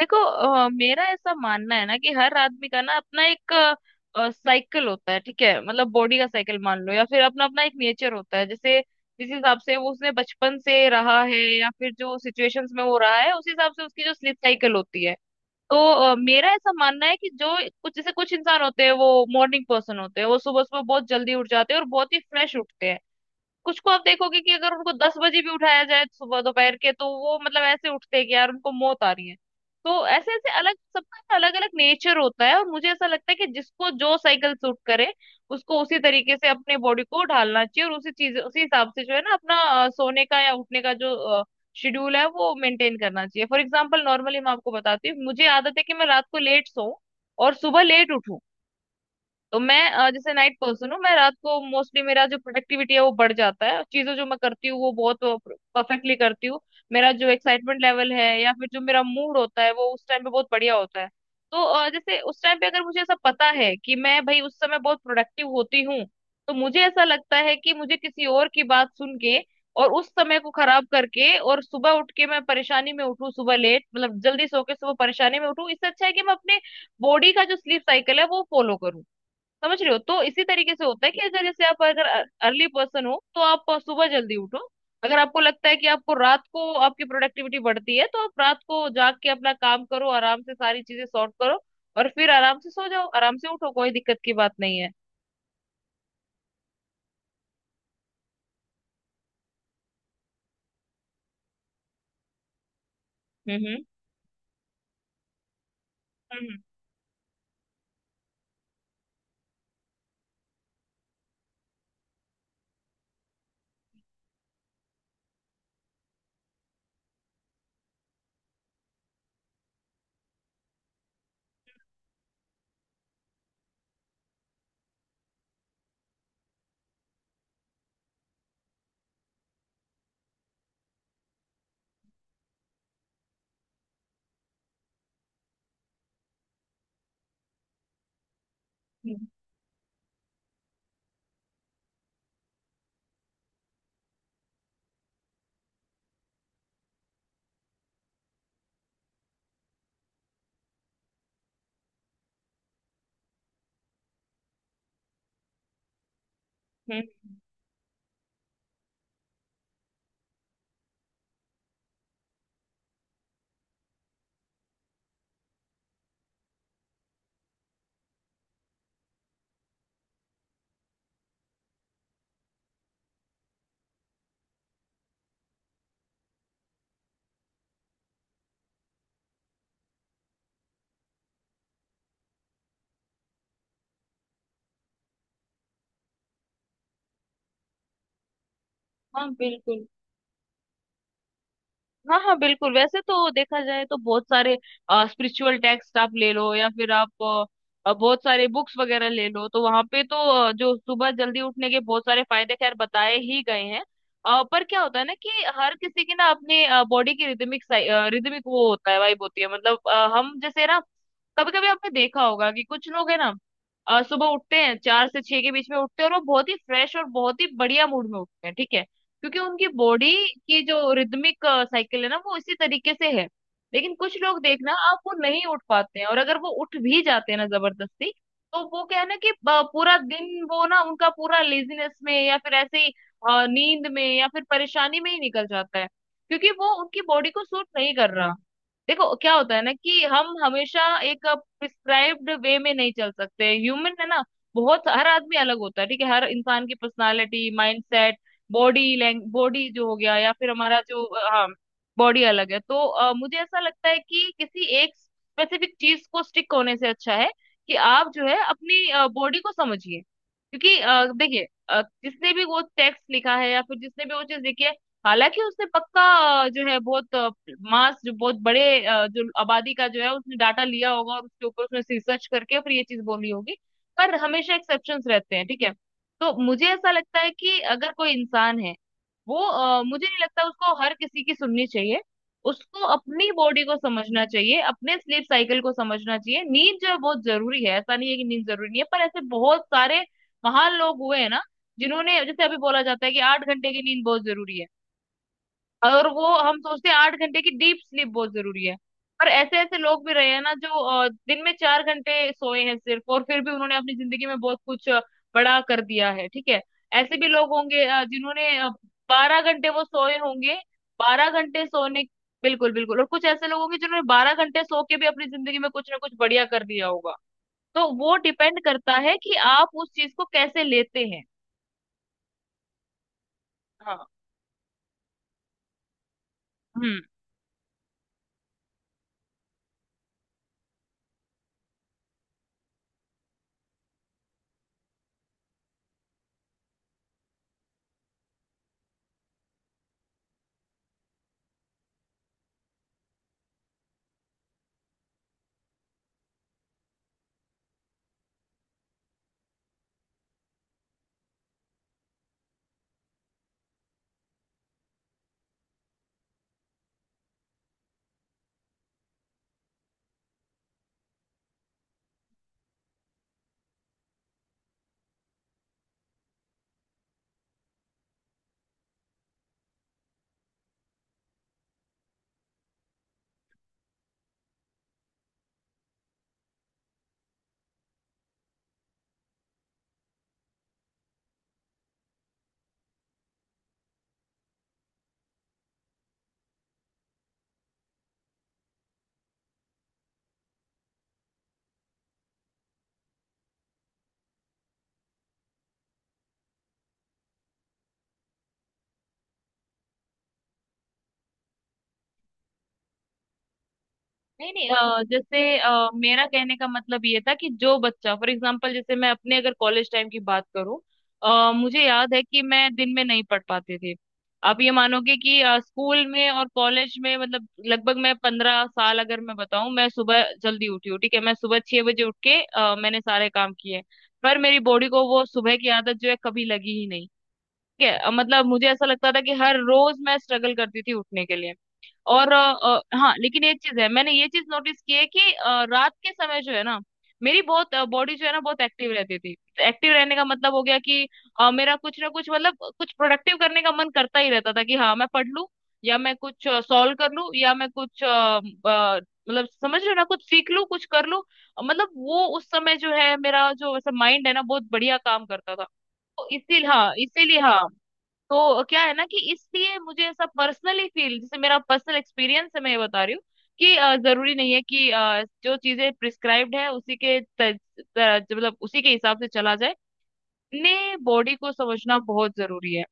देखो। मेरा ऐसा मानना है ना कि हर आदमी का ना अपना एक साइकिल होता है। ठीक है, मतलब बॉडी का साइकिल मान लो, या फिर अपना अपना एक नेचर होता है। जैसे जिस हिसाब से वो उसने बचपन से रहा है या फिर जो सिचुएशंस में वो रहा है, उस हिसाब से उसकी जो स्लीप साइकिल होती है। तो मेरा ऐसा मानना है कि जो कुछ इंसान होते हैं वो मॉर्निंग पर्सन होते हैं, वो सुबह सुबह बहुत जल्दी उठ जाते हैं और बहुत ही फ्रेश उठते हैं। कुछ को आप देखोगे कि अगर उनको 10 बजे भी उठाया जाए सुबह दोपहर के, तो वो मतलब ऐसे उठते हैं कि यार उनको मौत आ रही है। तो ऐसे ऐसे अलग सबका अलग अलग नेचर होता है, और मुझे ऐसा लगता है कि जिसको जो साइकिल सूट करे उसको उसी तरीके से अपने बॉडी को ढालना चाहिए, और उसी चीज उसी हिसाब से जो है ना अपना सोने का या उठने का जो शेड्यूल है वो मेंटेन करना चाहिए। फॉर एग्जाम्पल, नॉर्मली मैं आपको बताती हूँ, मुझे आदत है कि मैं रात को लेट सोऊं और सुबह लेट उठूं। तो मैं जैसे नाइट पर्सन हूँ। मैं रात को मोस्टली मेरा जो प्रोडक्टिविटी है वो बढ़ जाता है, चीजें जो मैं करती हूँ वो बहुत परफेक्टली करती हूँ। मेरा जो एक्साइटमेंट लेवल है या फिर जो मेरा मूड होता है वो उस टाइम पे बहुत बढ़िया होता है। तो जैसे उस टाइम पे अगर मुझे ऐसा पता है कि मैं भाई उस समय बहुत प्रोडक्टिव होती हूँ, तो मुझे ऐसा लगता है कि मुझे किसी और की बात सुन के और उस समय को खराब करके और सुबह उठ के मैं परेशानी में उठूं, सुबह लेट मतलब जल्दी सो के सुबह परेशानी में उठूं, इससे अच्छा है कि मैं अपने बॉडी का जो स्लीप साइकिल है वो फॉलो करूं। समझ रहे हो? तो इसी तरीके से होता है कि अगर जैसे आप अगर अर्ली पर्सन हो तो आप सुबह जल्दी उठो। अगर आपको लगता है कि आपको रात को आपकी प्रोडक्टिविटी बढ़ती है, तो आप रात को जाग के अपना काम करो, आराम से सारी चीजें सॉर्ट करो और फिर आराम से सो जाओ, आराम से उठो, कोई दिक्कत की बात नहीं है। हम्म हम्म हम्म हम्म हम्म, हम्म। हाँ, बिल्कुल। हाँ हाँ, बिल्कुल। वैसे तो देखा जाए तो बहुत सारे स्पिरिचुअल टेक्स्ट आप ले लो या फिर आप बहुत सारे बुक्स वगैरह ले लो, तो वहां पे तो जो सुबह जल्दी उठने के बहुत सारे फायदे खैर बताए ही गए हैं। पर क्या होता है ना कि हर किसी की ना अपने बॉडी की रिदमिक रिदमिक वो होता है, वाइब होती है। मतलब हम जैसे ना कभी कभी आपने देखा होगा कि कुछ लोग है ना सुबह उठते हैं, 4 से 6 के बीच में उठते हैं, और वो बहुत ही फ्रेश और बहुत ही बढ़िया मूड में उठते हैं, ठीक है? क्योंकि उनकी बॉडी की जो रिदमिक साइकिल है ना वो इसी तरीके से है। लेकिन कुछ लोग देखना आप वो नहीं उठ पाते हैं, और अगर वो उठ भी जाते हैं ना जबरदस्ती, तो वो क्या है ना कि पूरा दिन वो ना उनका पूरा लेजीनेस में या फिर ऐसे ही नींद में या फिर परेशानी में ही निकल जाता है, क्योंकि वो उनकी बॉडी को सूट नहीं कर रहा। देखो क्या होता है ना कि हम हमेशा एक प्रिस्क्राइब्ड वे में नहीं चल सकते, ह्यूमन है ना। बहुत हर आदमी अलग होता है, ठीक है? हर इंसान की पर्सनालिटी, माइंडसेट, बॉडी जो हो गया, या फिर हमारा जो हाँ, बॉडी अलग है। तो मुझे ऐसा लगता है कि किसी एक स्पेसिफिक चीज को स्टिक होने से अच्छा है कि आप जो है अपनी बॉडी को समझिए। क्योंकि देखिए जिसने भी वो टेक्स्ट लिखा है या फिर जिसने भी वो चीज लिखी है, हालांकि उसने पक्का जो है बहुत मास, जो बहुत बड़े जो आबादी का जो है, उसने डाटा लिया होगा और उसके ऊपर उसने रिसर्च करके फिर ये चीज बोली होगी, पर हमेशा एक्सेप्शंस रहते हैं, ठीक है? तो मुझे ऐसा लगता है कि अगर कोई इंसान है, वो मुझे नहीं लगता उसको हर किसी की सुननी चाहिए। उसको अपनी बॉडी को समझना चाहिए, अपने स्लीप साइकिल को समझना चाहिए। नींद जो है बहुत जरूरी है, ऐसा नहीं है कि नींद जरूरी नहीं है, पर ऐसे बहुत सारे महान लोग हुए हैं ना, जिन्होंने, जैसे अभी बोला जाता है कि 8 घंटे की नींद बहुत जरूरी है, और वो हम सोचते हैं 8 घंटे की डीप स्लीप बहुत जरूरी है, पर ऐसे ऐसे लोग भी रहे हैं ना जो दिन में 4 घंटे सोए हैं सिर्फ, और फिर भी उन्होंने अपनी जिंदगी में बहुत कुछ बड़ा कर दिया है, ठीक है? ऐसे भी लोग होंगे जिन्होंने 12 घंटे वो सोए होंगे। बारह घंटे सोने बिल्कुल, बिल्कुल। और कुछ ऐसे लोग होंगे जिन्होंने 12 घंटे सो के भी अपनी जिंदगी में कुछ ना कुछ बढ़िया कर दिया होगा। तो वो डिपेंड करता है कि आप उस चीज को कैसे लेते हैं। हाँ। हम्म। जैसे मेरा कहने का मतलब ये था कि जो बच्चा, फॉर एग्जांपल जैसे मैं अपने अगर कॉलेज टाइम की बात करूं, मुझे याद है कि मैं दिन में नहीं पढ़ पाती थी। आप ये मानोगे कि स्कूल में और कॉलेज में मतलब लगभग मैं 15 साल अगर मैं बताऊं, मैं सुबह जल्दी उठी हूँ, ठीक है? मैं सुबह 6 बजे उठ के मैंने सारे काम किए, पर मेरी बॉडी को वो सुबह की आदत जो है कभी लगी ही नहीं, ठीक है? मतलब मुझे ऐसा लगता था कि हर रोज मैं स्ट्रगल करती थी उठने के लिए, और हाँ, लेकिन एक चीज है, मैंने ये चीज नोटिस की है कि रात के समय जो है ना मेरी बहुत बॉडी जो है ना बहुत एक्टिव रहती थी। एक्टिव रहने का मतलब हो गया कि मेरा कुछ ना कुछ मतलब कुछ प्रोडक्टिव करने का मन करता ही रहता था कि हाँ मैं पढ़ लूं, या मैं कुछ सॉल्व कर लूं, या मैं कुछ मतलब समझ रहे हो ना, कुछ सीख लूं कुछ कर लूं। मतलब वो उस समय जो है मेरा जो वैसे माइंड है ना बहुत बढ़िया काम करता था। तो इसीलिए, हाँ, इसीलिए, हाँ। तो क्या है ना कि इसलिए मुझे ऐसा पर्सनली फील, जैसे मेरा पर्सनल एक्सपीरियंस है मैं ये बता रही हूँ, कि जरूरी नहीं है कि जो चीजें प्रिस्क्राइब्ड है उसी के मतलब उसी के हिसाब से चला जाए। अपने बॉडी को समझना बहुत जरूरी है।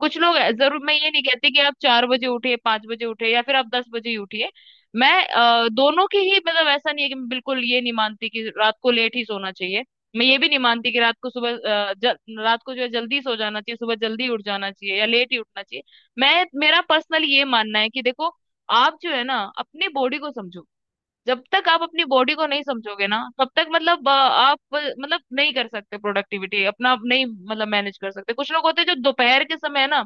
जरूर, मैं ये नहीं कहती कि आप 4 बजे उठिए, 5 बजे उठिए, या फिर आप 10 बजे ही उठिए। मैं दोनों की ही मतलब ऐसा नहीं है कि मैं बिल्कुल, ये नहीं मानती कि रात को लेट ही सोना चाहिए, मैं ये भी नहीं मानती कि रात को सुबह अ, जल, रात को जो है जल्दी सो जाना चाहिए सुबह जल्दी उठ जाना चाहिए या लेट ही उठना चाहिए। मैं, मेरा पर्सनल ये मानना है कि देखो, आप जो है ना अपनी बॉडी को समझो। जब तक आप अपनी बॉडी को नहीं समझोगे ना तब तक मतलब आप मतलब नहीं कर सकते प्रोडक्टिविटी अपना आप नहीं मतलब मैनेज कर सकते। कुछ लोग होते हैं जो दोपहर के समय ना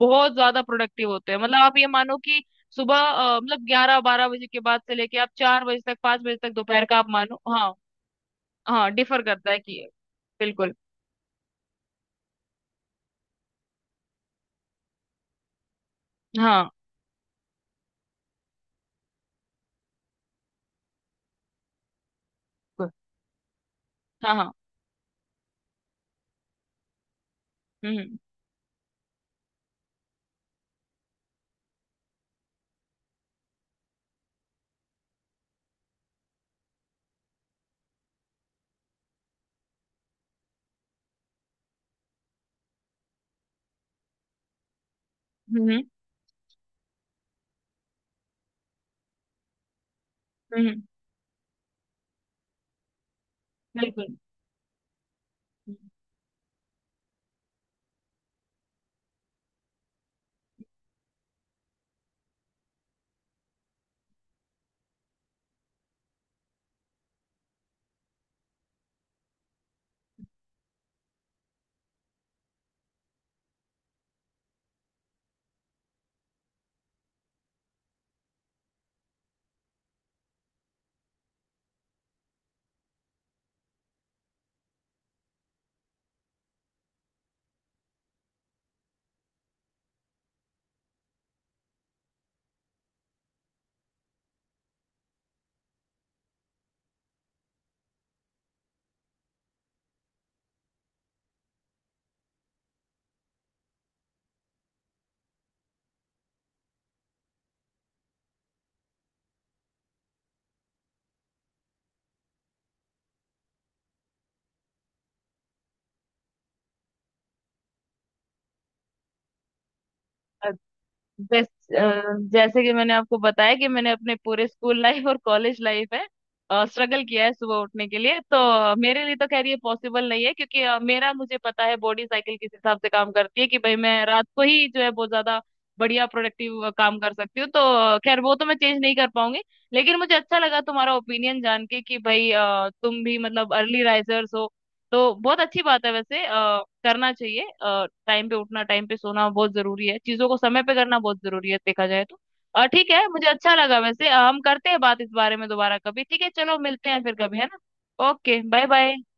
बहुत ज्यादा प्रोडक्टिव होते हैं। मतलब आप ये मानो कि सुबह मतलब 11 12 बजे के बाद से लेके आप 4 बजे तक, 5 बजे तक, दोपहर का आप मानो। हाँ, हाँ, डिफर करता है कि बिल्कुल। हाँ, बिल्कुल। हाँ, हाँ। हम्म हम्म हम्म हम्म, बिल्कुल। हम्म, बस। अ, जैसे कि मैंने आपको बताया कि मैंने अपने पूरे स्कूल लाइफ और कॉलेज लाइफ में स्ट्रगल किया है सुबह उठने के लिए, तो मेरे लिए तो खैर ये पॉसिबल नहीं है, क्योंकि मेरा, मुझे पता है बॉडी साइकिल किस हिसाब से काम करती है, कि भाई मैं रात को ही जो है बहुत ज्यादा बढ़िया प्रोडक्टिव काम कर सकती हूँ। तो खैर वो तो मैं चेंज नहीं कर पाऊंगी। लेकिन मुझे अच्छा लगा तुम्हारा ओपिनियन जान के कि भाई तुम भी मतलब अर्ली राइजर्स हो, तो बहुत अच्छी बात है वैसे। करना चाहिए। टाइम पे उठना, टाइम पे सोना बहुत जरूरी है। चीजों को समय पे करना बहुत जरूरी है देखा जाए तो। ठीक है, मुझे अच्छा लगा वैसे। हम करते हैं बात इस बारे में दोबारा कभी, ठीक है? चलो, मिलते हैं फिर कभी, है ना? Okay, bye bye.